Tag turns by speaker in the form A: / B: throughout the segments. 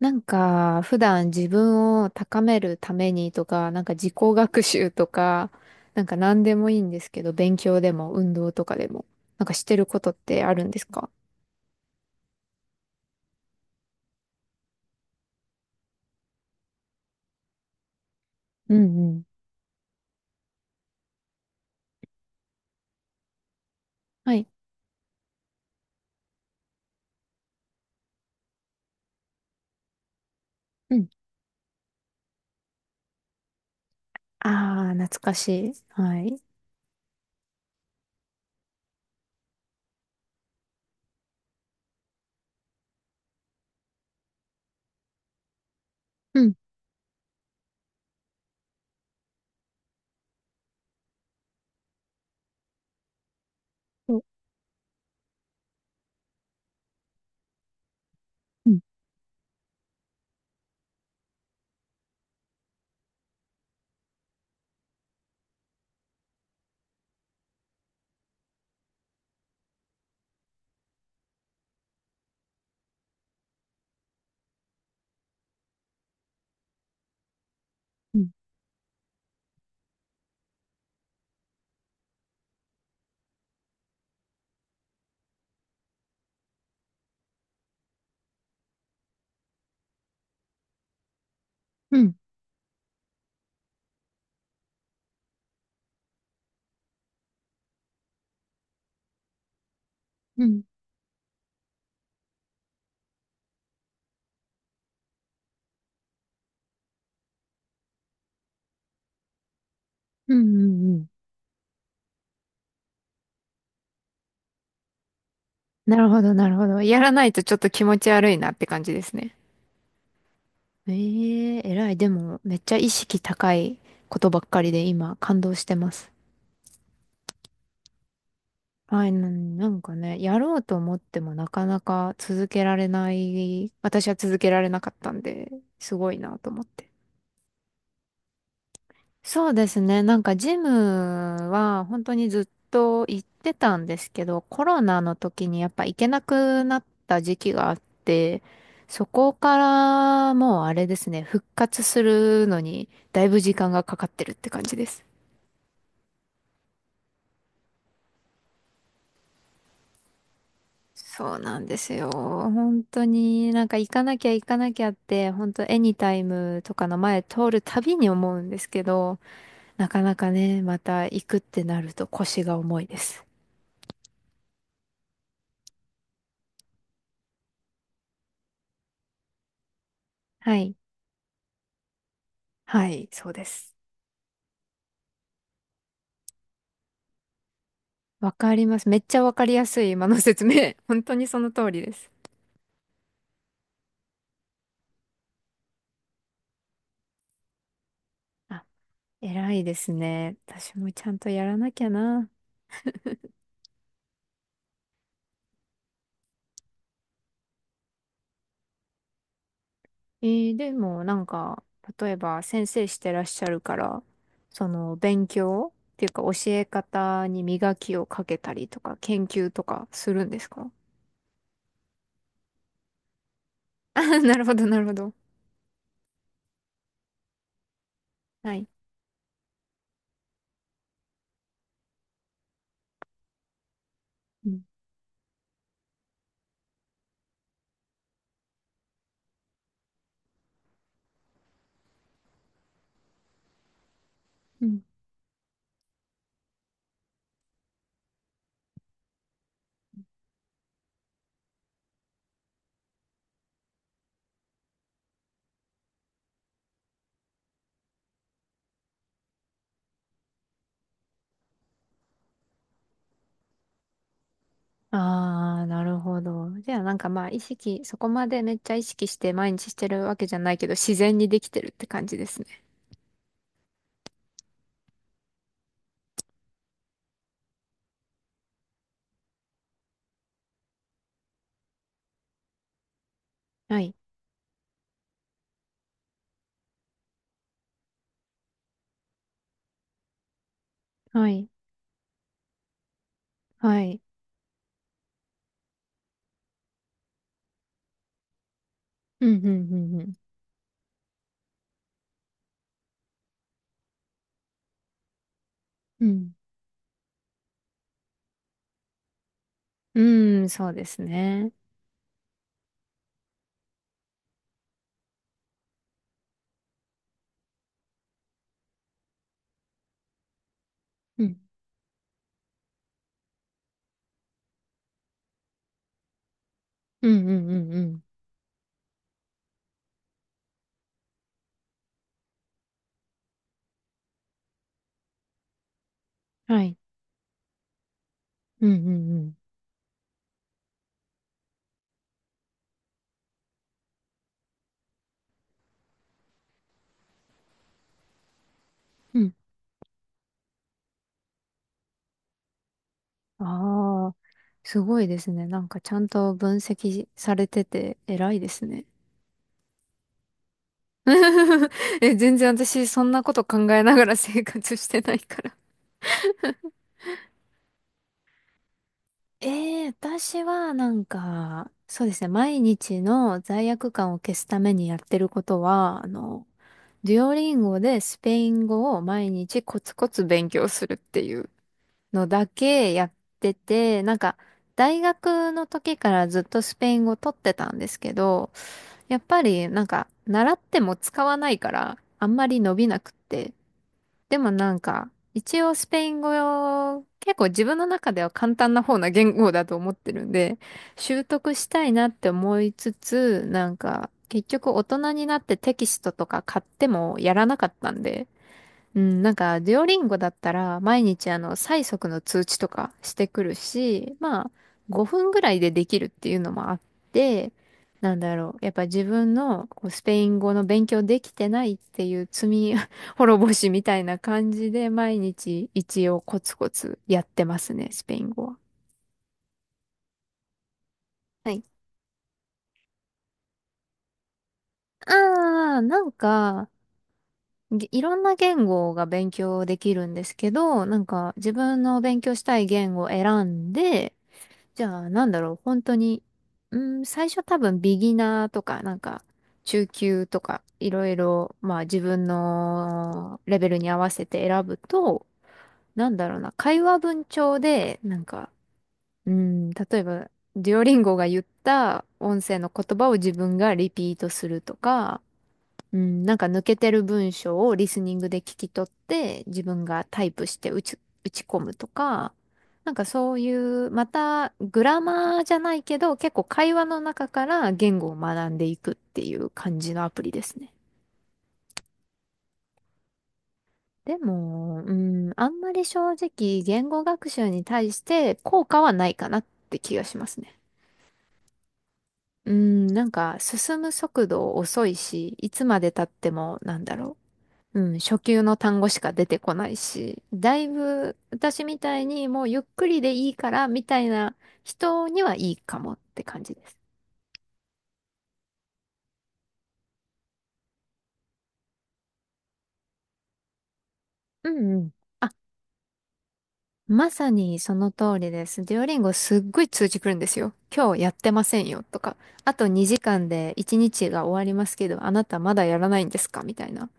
A: 普段自分を高めるためにとか、自己学習とか、何でもいいんですけど、勉強でも運動とかでも、してることってあるんですか？うんうん。はい。うん。ああ、懐かしい。はい。うん。おうんうん。うん。うん。うん。うんうん。なるほど、なるほど。やらないとちょっと気持ち悪いなって感じですね。え、え偉い。でも、めっちゃ意識高いことばっかりで今、感動してます。はい、なんかね、やろうと思ってもなかなか続けられない、私は続けられなかったんで、すごいなと思って。そうですね、ジムは本当にずっと行ってたんですけど、コロナの時にやっぱ行けなくなった時期があって、そこからもうあれですね、復活するのにだいぶ時間がかかってるって感じです。そうなんですよ。本当に行かなきゃ行かなきゃって、本当エニタイムとかの前通るたびに思うんですけど、なかなかね、また行くってなると腰が重いです。はい。はい、そうです。わかります。めっちゃわかりやすい今の説明。本当にその通りです。あ、偉いですね。私もちゃんとやらなきゃな。えーでも例えば先生してらっしゃるから、その勉強っていうか教え方に磨きをかけたりとか研究とかするんですか？あ、 なるほど、なるほど。はい。うんうん。ああ、なるほど。じゃあまあ意識、そこまでめっちゃ意識して毎日してるわけじゃないけど、自然にできてるって感じですね。はい。はい。はい。うん、うん、うん、うん。うん、うん、そうですね。うん。うん、うん、うん、うん。はい。うん、うん、うん。うん。ああ、すごいですね。ちゃんと分析されてて偉いですね。え、全然私そんなこと考えながら生活してないから。ええ、私はそうですね、毎日の罪悪感を消すためにやってることは、デュオリンゴでスペイン語を毎日コツコツ勉強するっていう。のだけやってて、大学の時からずっとスペイン語取ってたんですけど、やっぱり習っても使わないからあんまり伸びなくって。でも一応スペイン語を結構自分の中では簡単な方な言語だと思ってるんで、習得したいなって思いつつ、結局大人になってテキストとか買ってもやらなかったんで、うん、デュオリンゴだったら、毎日催促の通知とかしてくるし、まあ、5分ぐらいでできるっていうのもあって、なんだろう、やっぱ自分のこうスペイン語の勉強できてないっていう罪 滅ぼしみたいな感じで、毎日一応コツコツやってますね、スペイン語は。はい。ああいろんな言語が勉強できるんですけど、自分の勉強したい言語を選んで、じゃあ、なんだろう、本当に、最初多分ビギナーとか、中級とか、いろいろ、まあ自分のレベルに合わせて選ぶと、なんだろうな、会話文帳で、例えば、デュオリンゴが言った音声の言葉を自分がリピートするとか、うん、抜けてる文章をリスニングで聞き取って、自分がタイプして打ち込むとか、そういう、またグラマーじゃないけど、結構会話の中から言語を学んでいくっていう感じのアプリですね。でも、うん、あんまり正直言語学習に対して効果はないかなって気がしますね。うん、進む速度遅いし、いつまで経ってもなんだろう。うん、初級の単語しか出てこないし、だいぶ私みたいにもうゆっくりでいいからみたいな人にはいいかもって感じです。うんうん。あ、まさにその通りです。デュオリンゴすっごい通知来るんですよ。今日やってませんよとか、あと2時間で1日が終わりますけど、あなたまだやらないんですかみたいな、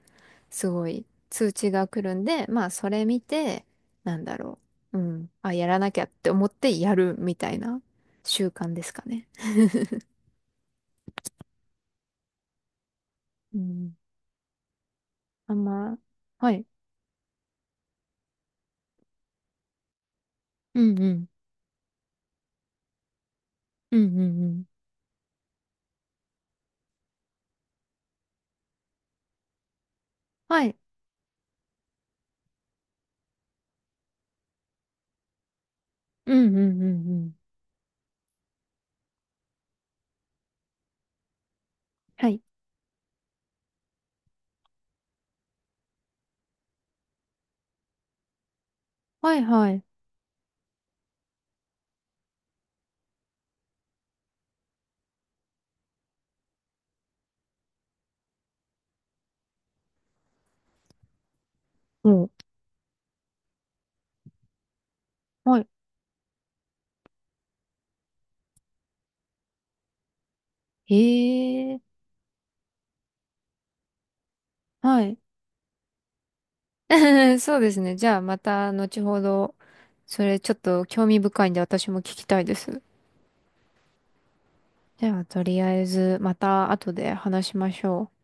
A: すごい通知が来るんで、まあそれ見て、なんだろう。うん。あ、やらなきゃって思ってやるみたいな習慣ですかね。うん。あんま、はい。うんうん。うんうんうん。はい。うんうんうんうん。はい。はいはい。もうはい。へえ。はい。そうですね。じゃあまた後ほど、それちょっと興味深いんで私も聞きたいです。じゃあとりあえずまた後で話しましょう。